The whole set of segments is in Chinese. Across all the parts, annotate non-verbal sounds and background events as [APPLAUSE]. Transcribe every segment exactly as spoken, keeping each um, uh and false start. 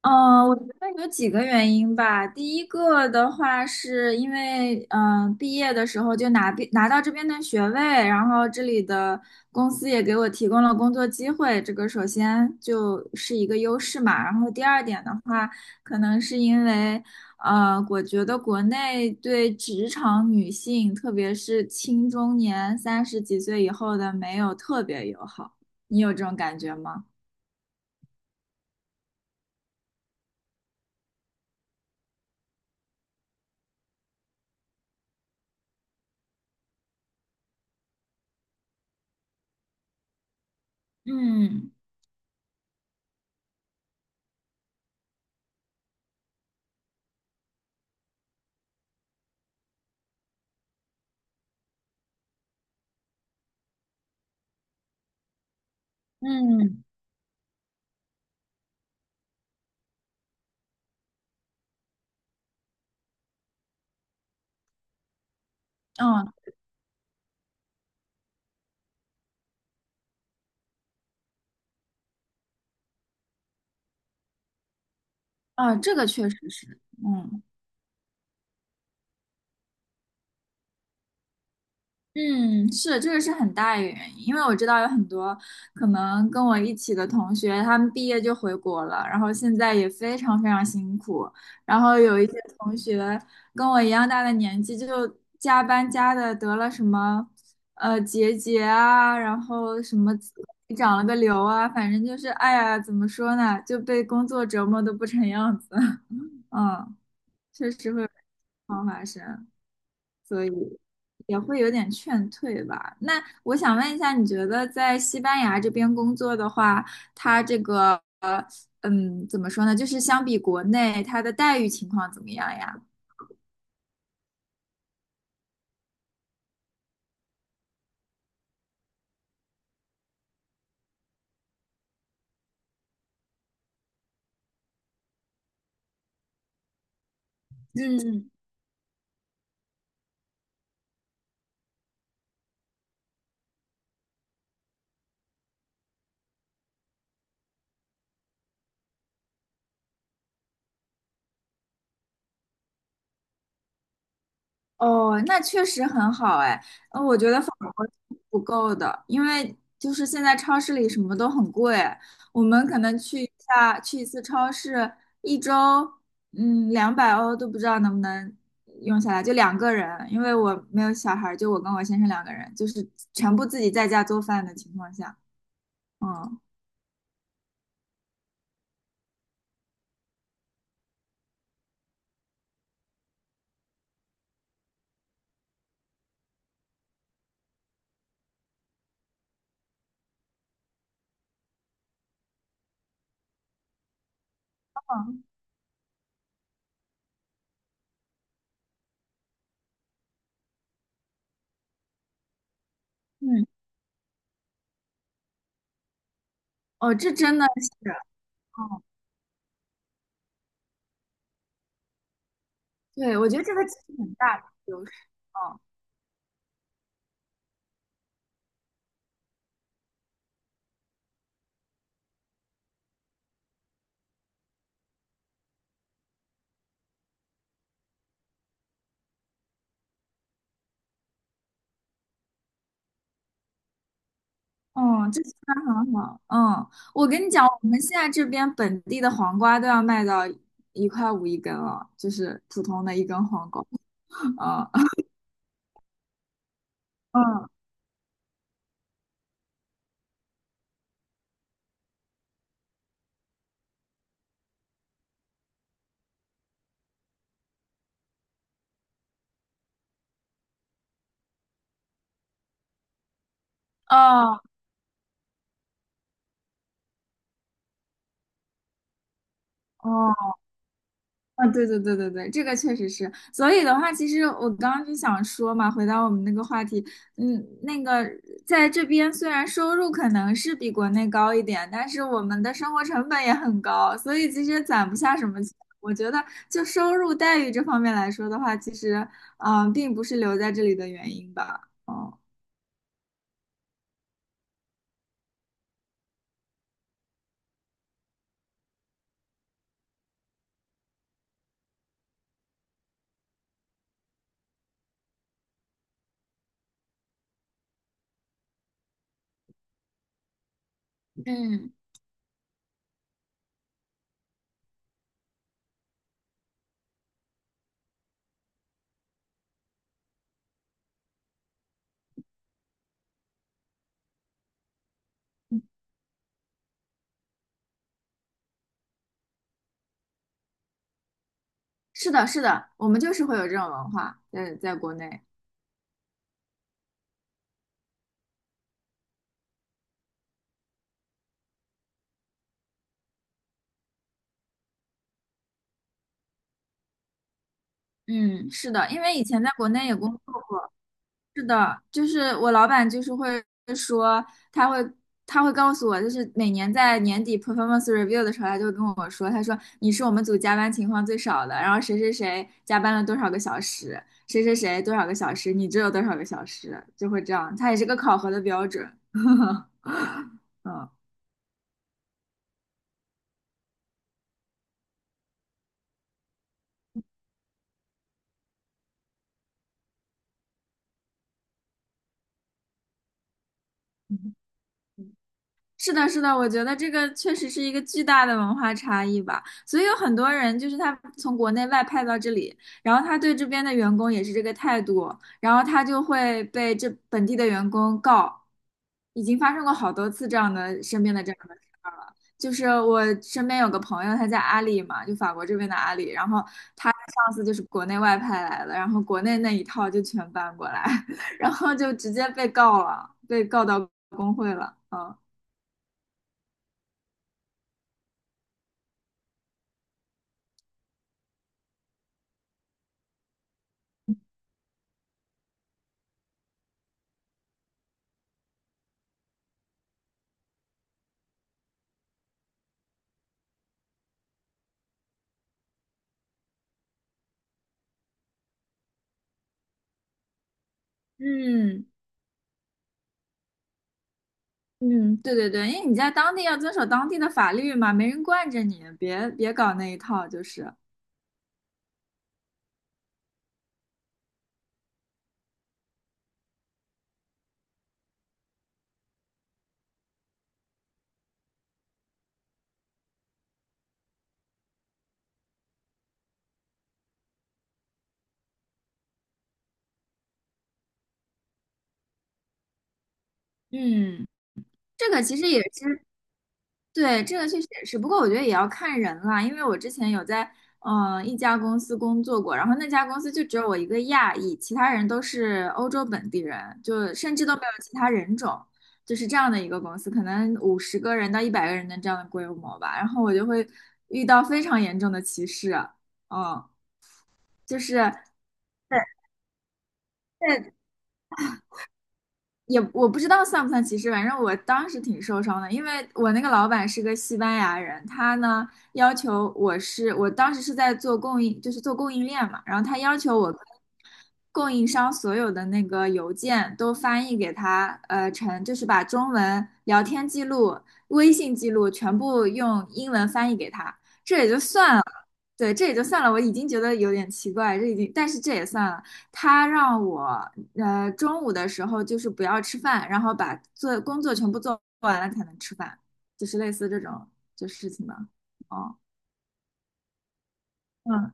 嗯，我觉得有几个原因吧。第一个的话，是因为嗯、呃毕业的时候就拿毕拿到这边的学位，然后这里的公司也给我提供了工作机会，这个首先就是一个优势嘛。然后第二点的话，可能是因为呃，我觉得国内对职场女性，特别是青中年三十几岁以后的，没有特别友好。你有这种感觉吗？嗯。嗯，嗯，啊，这个确实是。嗯。嗯，是这个是很大一个原因，因为我知道有很多可能跟我一起的同学，他们毕业就回国了，然后现在也非常非常辛苦，然后有一些同学跟我一样大的年纪，就加班加的得了什么呃结节啊，然后什么长了个瘤啊，反正就是哎呀，怎么说呢，就被工作折磨的不成样子。[LAUGHS] 嗯，确实会有这种情况发生，所以也会有点劝退吧。那我想问一下，你觉得在西班牙这边工作的话，它这个呃嗯，怎么说呢？就是相比国内，它的待遇情况怎么样呀？嗯。哦，那确实很好哎，呃，我觉得法国是不够的，因为就是现在超市里什么都很贵，我们可能去一下去一次超市，一周嗯两百欧都不知道能不能用下来，就两个人，因为我没有小孩儿就我跟我先生两个人，就是全部自己在家做饭的情况下。嗯。嗯。嗯。哦，这真的是。哦。对，我觉得这个其实很大的优势。哦。嗯。哦，这西瓜很好。嗯，我跟你讲，我们现在这边本地的黄瓜都要卖到一块五一根了，就是普通的一根黄瓜。[LAUGHS] 嗯。嗯。哦。哦。啊，对对对对对，这个确实是。所以的话，其实我刚刚就想说嘛，回到我们那个话题，嗯，那个在这边虽然收入可能是比国内高一点，但是我们的生活成本也很高，所以其实攒不下什么钱。我觉得就收入待遇这方面来说的话，其实嗯、呃并不是留在这里的原因吧。哦。嗯，是的，是的，我们就是会有这种文化在在国内。嗯，是的，因为以前在国内也工作过。是的，就是我老板就是会说，他会他会告诉我，就是每年在年底 performance review 的时候，他就会跟我说，他说你是我们组加班情况最少的，然后谁谁谁加班了多少个小时，谁谁谁多少个小时，你只有多少个小时，就会这样，他也是个考核的标准。[LAUGHS] 嗯，是的，是的，我觉得这个确实是一个巨大的文化差异吧，所以有很多人就是他从国内外派到这里，然后他对这边的员工也是这个态度，然后他就会被这本地的员工告，已经发生过好多次这样的身边的这样的事儿了。就是我身边有个朋友，他在阿里嘛，就法国这边的阿里，然后他的上司就是国内外派来的，然后国内那一套就全搬过来。[LAUGHS] 然后就直接被告了，被告到工会了。嗯。嗯。嗯，对对对，因为你在当地要遵守当地的法律嘛，没人惯着你，别别搞那一套，就是。嗯，这个其实也是。对，这个确实也是，不过我觉得也要看人啦，因为我之前有在嗯、呃一家公司工作过，然后那家公司就只有我一个亚裔，其他人都是欧洲本地人，就甚至都没有其他人种，就是这样的一个公司，可能五十个人到一百个人的这样的规模吧，然后我就会遇到非常严重的歧视啊。嗯。就是。对，但也我不知道算不算歧视，反正我当时挺受伤的，因为我那个老板是个西班牙人，他呢要求我是，我当时是在做供应，就是做供应链嘛，然后他要求我跟供应商所有的那个邮件都翻译给他，呃，成就是把中文聊天记录、微信记录全部用英文翻译给他，这也就算了。对，这也就算了，我已经觉得有点奇怪，这已经，但是这也算了。他让我，呃，中午的时候就是不要吃饭，然后把做工作全部做完了才能吃饭，就是类似这种就事情吧。哦。嗯，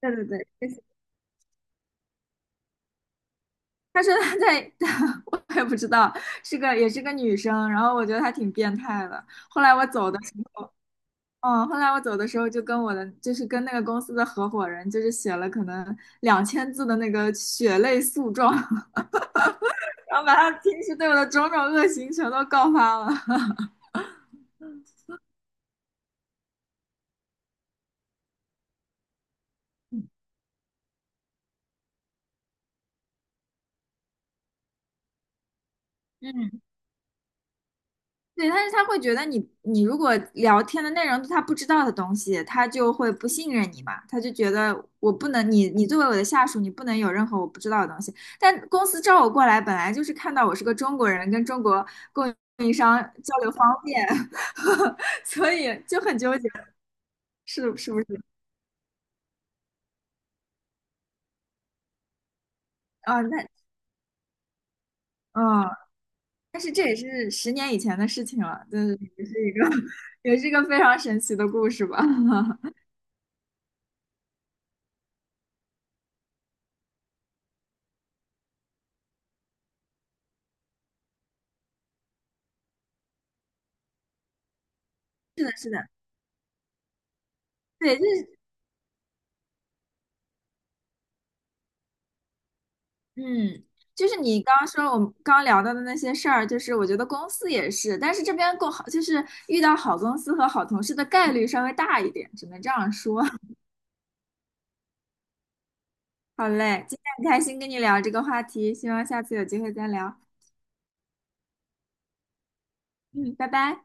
对对对，类似他说他在，[LAUGHS] 我也不知道，是个也是个女生，然后我觉得她挺变态的。后来我走的时候，嗯，后来我走的时候就跟我的就是跟那个公司的合伙人，就是写了可能两千字的那个血泪诉状。然后把他平时对我的种种恶行全都告发了。[LAUGHS] 嗯，对，但是他会觉得你，你如果聊天的内容是他不知道的东西，他就会不信任你嘛，他就觉得我不能，你你作为我的下属，你不能有任何我不知道的东西。但公司招我过来，本来就是看到我是个中国人，跟中国供应商交流方便。[LAUGHS] 所以就很纠结，是是不是？啊，那嗯，但是这也是十年以前的事情了。但是 [LAUGHS] 也是一个 [LAUGHS] 也是一个非常神奇的故事吧。[LAUGHS] 是的，是的。对，就是嗯，就是你刚刚说我们刚刚聊到的那些事儿，就是我觉得公司也是，但是这边够好，就是遇到好公司和好同事的概率稍微大一点，只能这样说。[LAUGHS] 好嘞，今天很开心跟你聊这个话题，希望下次有机会再聊。嗯，拜拜。